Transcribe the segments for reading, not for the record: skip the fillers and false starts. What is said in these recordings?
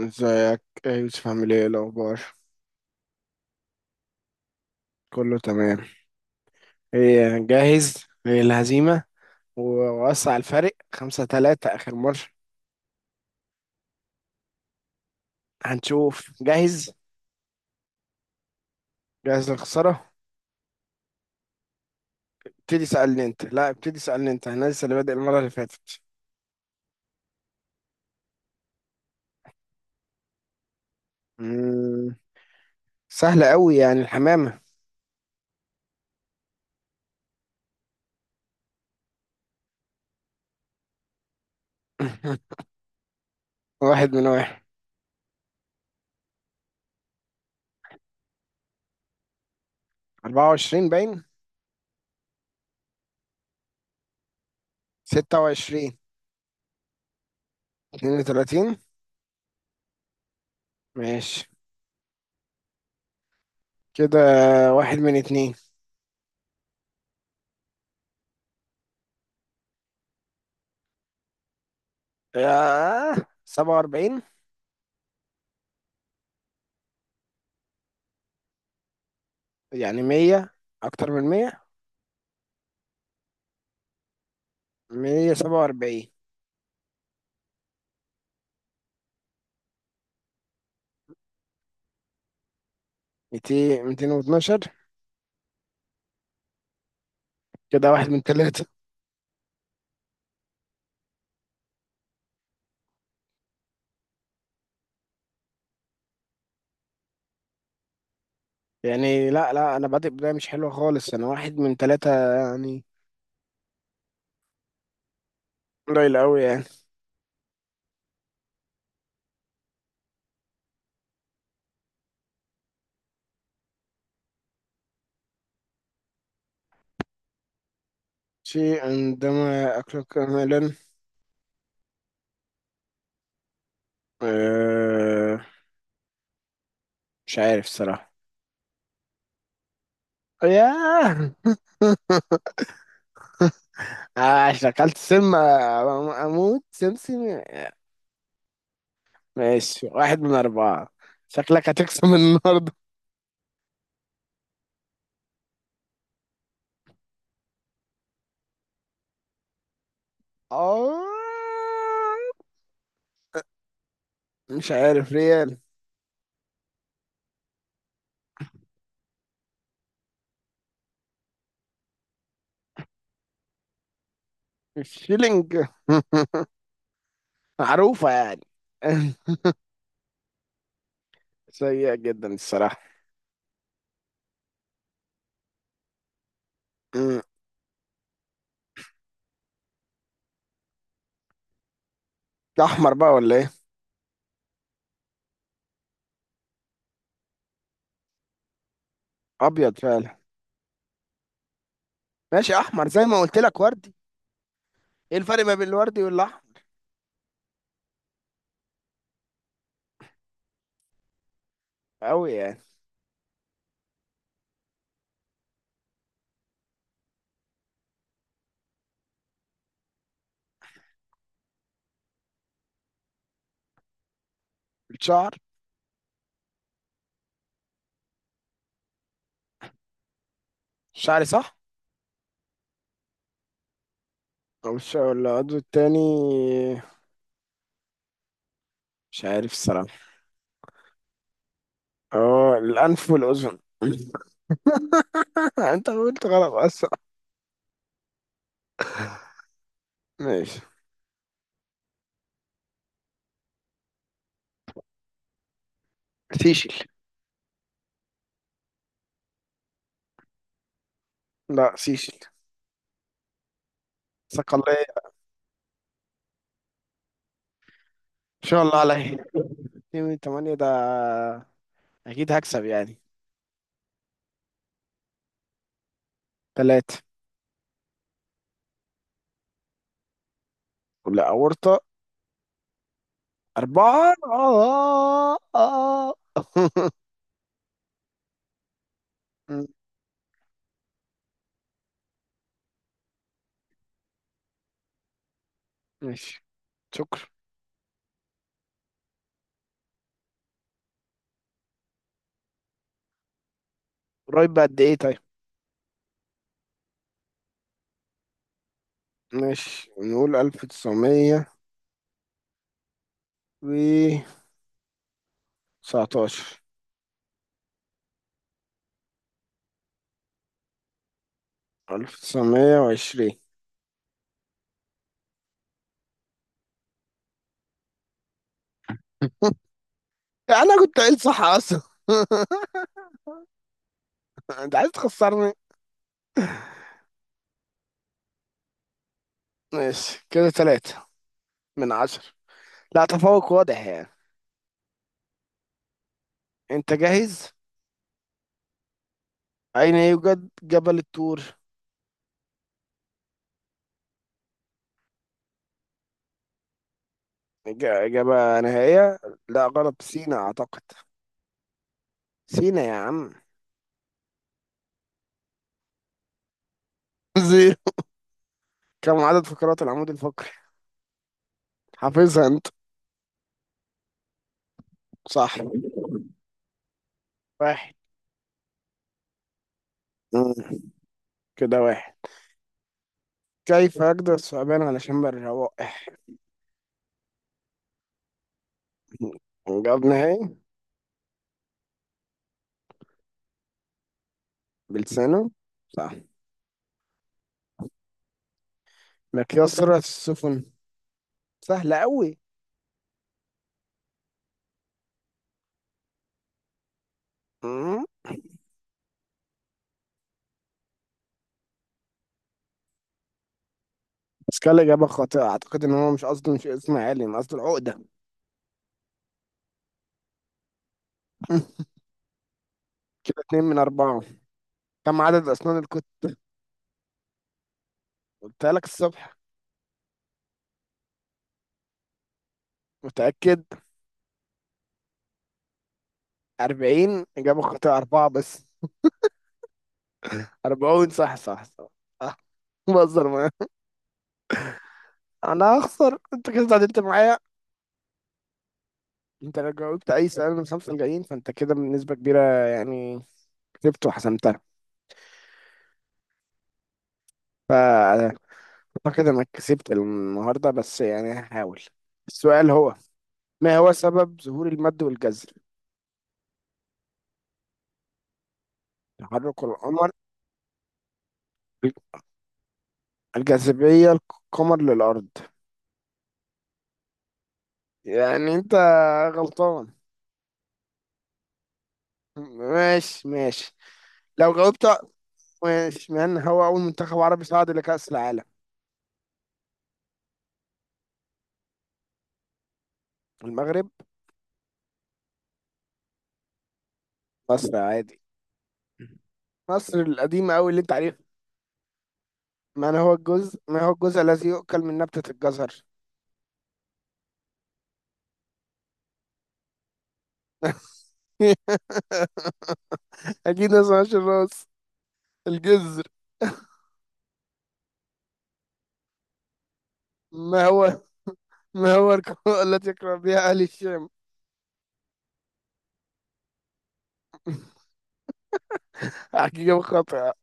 ازيك؟ ايه يا يوسف، عامل ايه؟ إيه الاخبار؟ كله تمام. ايه، جاهز للهزيمه؟ ووسع الفرق خمسة تلاتة اخر مره. هنشوف. جاهز؟ جاهز للخساره؟ ابتدي سألني انت، لا ابتدي سألني انت، انا لسه اللي بادئ المره اللي فاتت. مم. سهله قوي، يعني الحمامه. واحد من واحد. 24 باين. 26. 32. ماشي، كده واحد من اتنين. آه. 47. يعني 100، اكتر من 100. مية سبعة وأربعين. ميتين، ميتين واتناشر. كده واحد من تلاتة يعني. لا لا، أنا بادئ بداية مش حلوة خالص، أنا واحد من تلاتة يعني. قليل أوي يعني. شيء عندما أكل كاملا. أه، مش عارف الصراحة. ياه. عشان أكلت سم أموت سمسم. ماشي، واحد من أربعة. شكلك هتكسب النهاردة. آه، مش عارف. ريال. الشيلينج. معروفة يعني. سيئة جدا الصراحة. مم. ده أحمر بقى ولا إيه؟ أبيض فعلا. ماشي، أحمر زي ما قلت لك، وردي. إيه الفرق ما بين الوردي والأحمر؟ أوي يعني. الشعر. الشعر صح؟ أو الشعر ولا العضو التاني؟ مش عارف الصراحة. أه، الأنف والأذن. أنت قلت غلط أصلا. ماشي. سيشل. لا سيشل. ساق الله. إن شاء الله عليه. 2 من 8 ده، أكيد هكسب يعني. تلاتة. لا، أورطة. أربعة، آه آه. م- ماشي. شكرا. قريب بقد إيه طيب؟ ماشي، نقول ألف تسعمية و تسعتاشر. ألف تسعمية وعشرين. أنا كنت قايل صح أصلا. أنت عايز تخسرني؟ ماشي، كده تلاتة من عشرة. لا، تفوق واضح يعني. أنت جاهز؟ أين يوجد جبل الطور؟ إجابة نهائية؟ لا غلط، سينا أعتقد. سينا يا عم. زيرو. كم عدد فقرات العمود الفقري؟ حافظها انت. صح. واحد. مم. كده واحد. كيف أقدر الثعبان على شم الروائح؟ جاب نهائي. بلسانه. صح. مقياس سرعة السفن. سهلة أوي. مم. بس كان إجابة خاطئة، أعتقد إن هو مش قصده مش اسم عالم، قصده العقدة. مم. كده اتنين من أربعة. كم عدد أسنان الكتب؟ قلتها لك الصبح. متأكد؟ أربعين إجابة خاطئة، أربعة بس. أربعون، صح صح صح. آه، بهزر معاك. أنا هخسر، أنت كده اتعادلت معايا. انت لو جاوبت اي سؤال من الخمسه الجايين، فانت كده بنسبه كبيره يعني كسبت وحسمتها. فاعتقد انك كسبت النهارده، بس يعني هحاول. السؤال هو، ما هو سبب ظهور المد والجزر؟ تحرك القمر. الجاذبيه القمر للارض. يعني انت غلطان. ماشي ماشي. لو جاوبت. ماشي، من هو اول منتخب عربي صعد لكأس العالم؟ المغرب. مصر عادي. مصر القديمه قوي اللي انت عارفها. من هو الجزء ما هو الجزء الذي يؤكل من نبتة الجزر؟ أكيد ما اسمهاش الراس، الجزر. ما هو ما هو القراءة التي يقرأ بها أهل الشام؟ حقيقة خاطئة.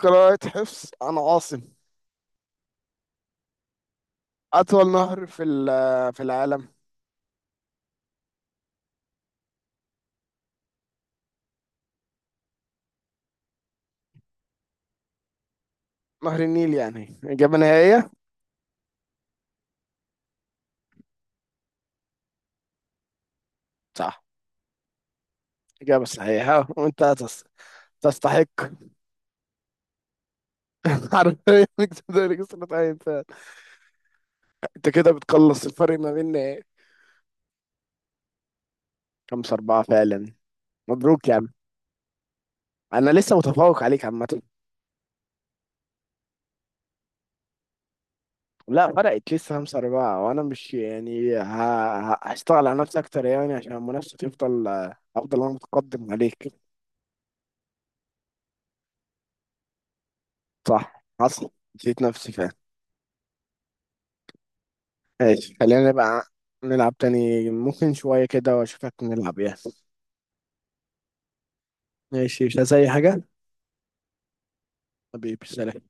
قراءة حفص عن عاصم. أطول نهر في العالم؟ نهر النيل، يعني إجابة نهائية. صح. إجابة صحيحة وأنت تستحق. حرفيا إنك تقدر تسقط أي إنسان. أنت كده بتقلص الفرق ما بيننا، إيه؟ خمسة أربعة فعلا. مبروك يا عم. أنا لسه متفوق عليك عامة. لا فرقت لسه، خمسة أربعة، وأنا مش يعني هشتغل على نفسي أكتر يعني عشان المنافسة تفضل. أفضل أنا متقدم عليك. صح حصل، نسيت نفسي فعلا. ماشي، خلينا نبقى نلعب تاني ممكن شوية كده وأشوفك نلعب يعني. ماشي، مش عايز أي حاجة. حبيبي سلام.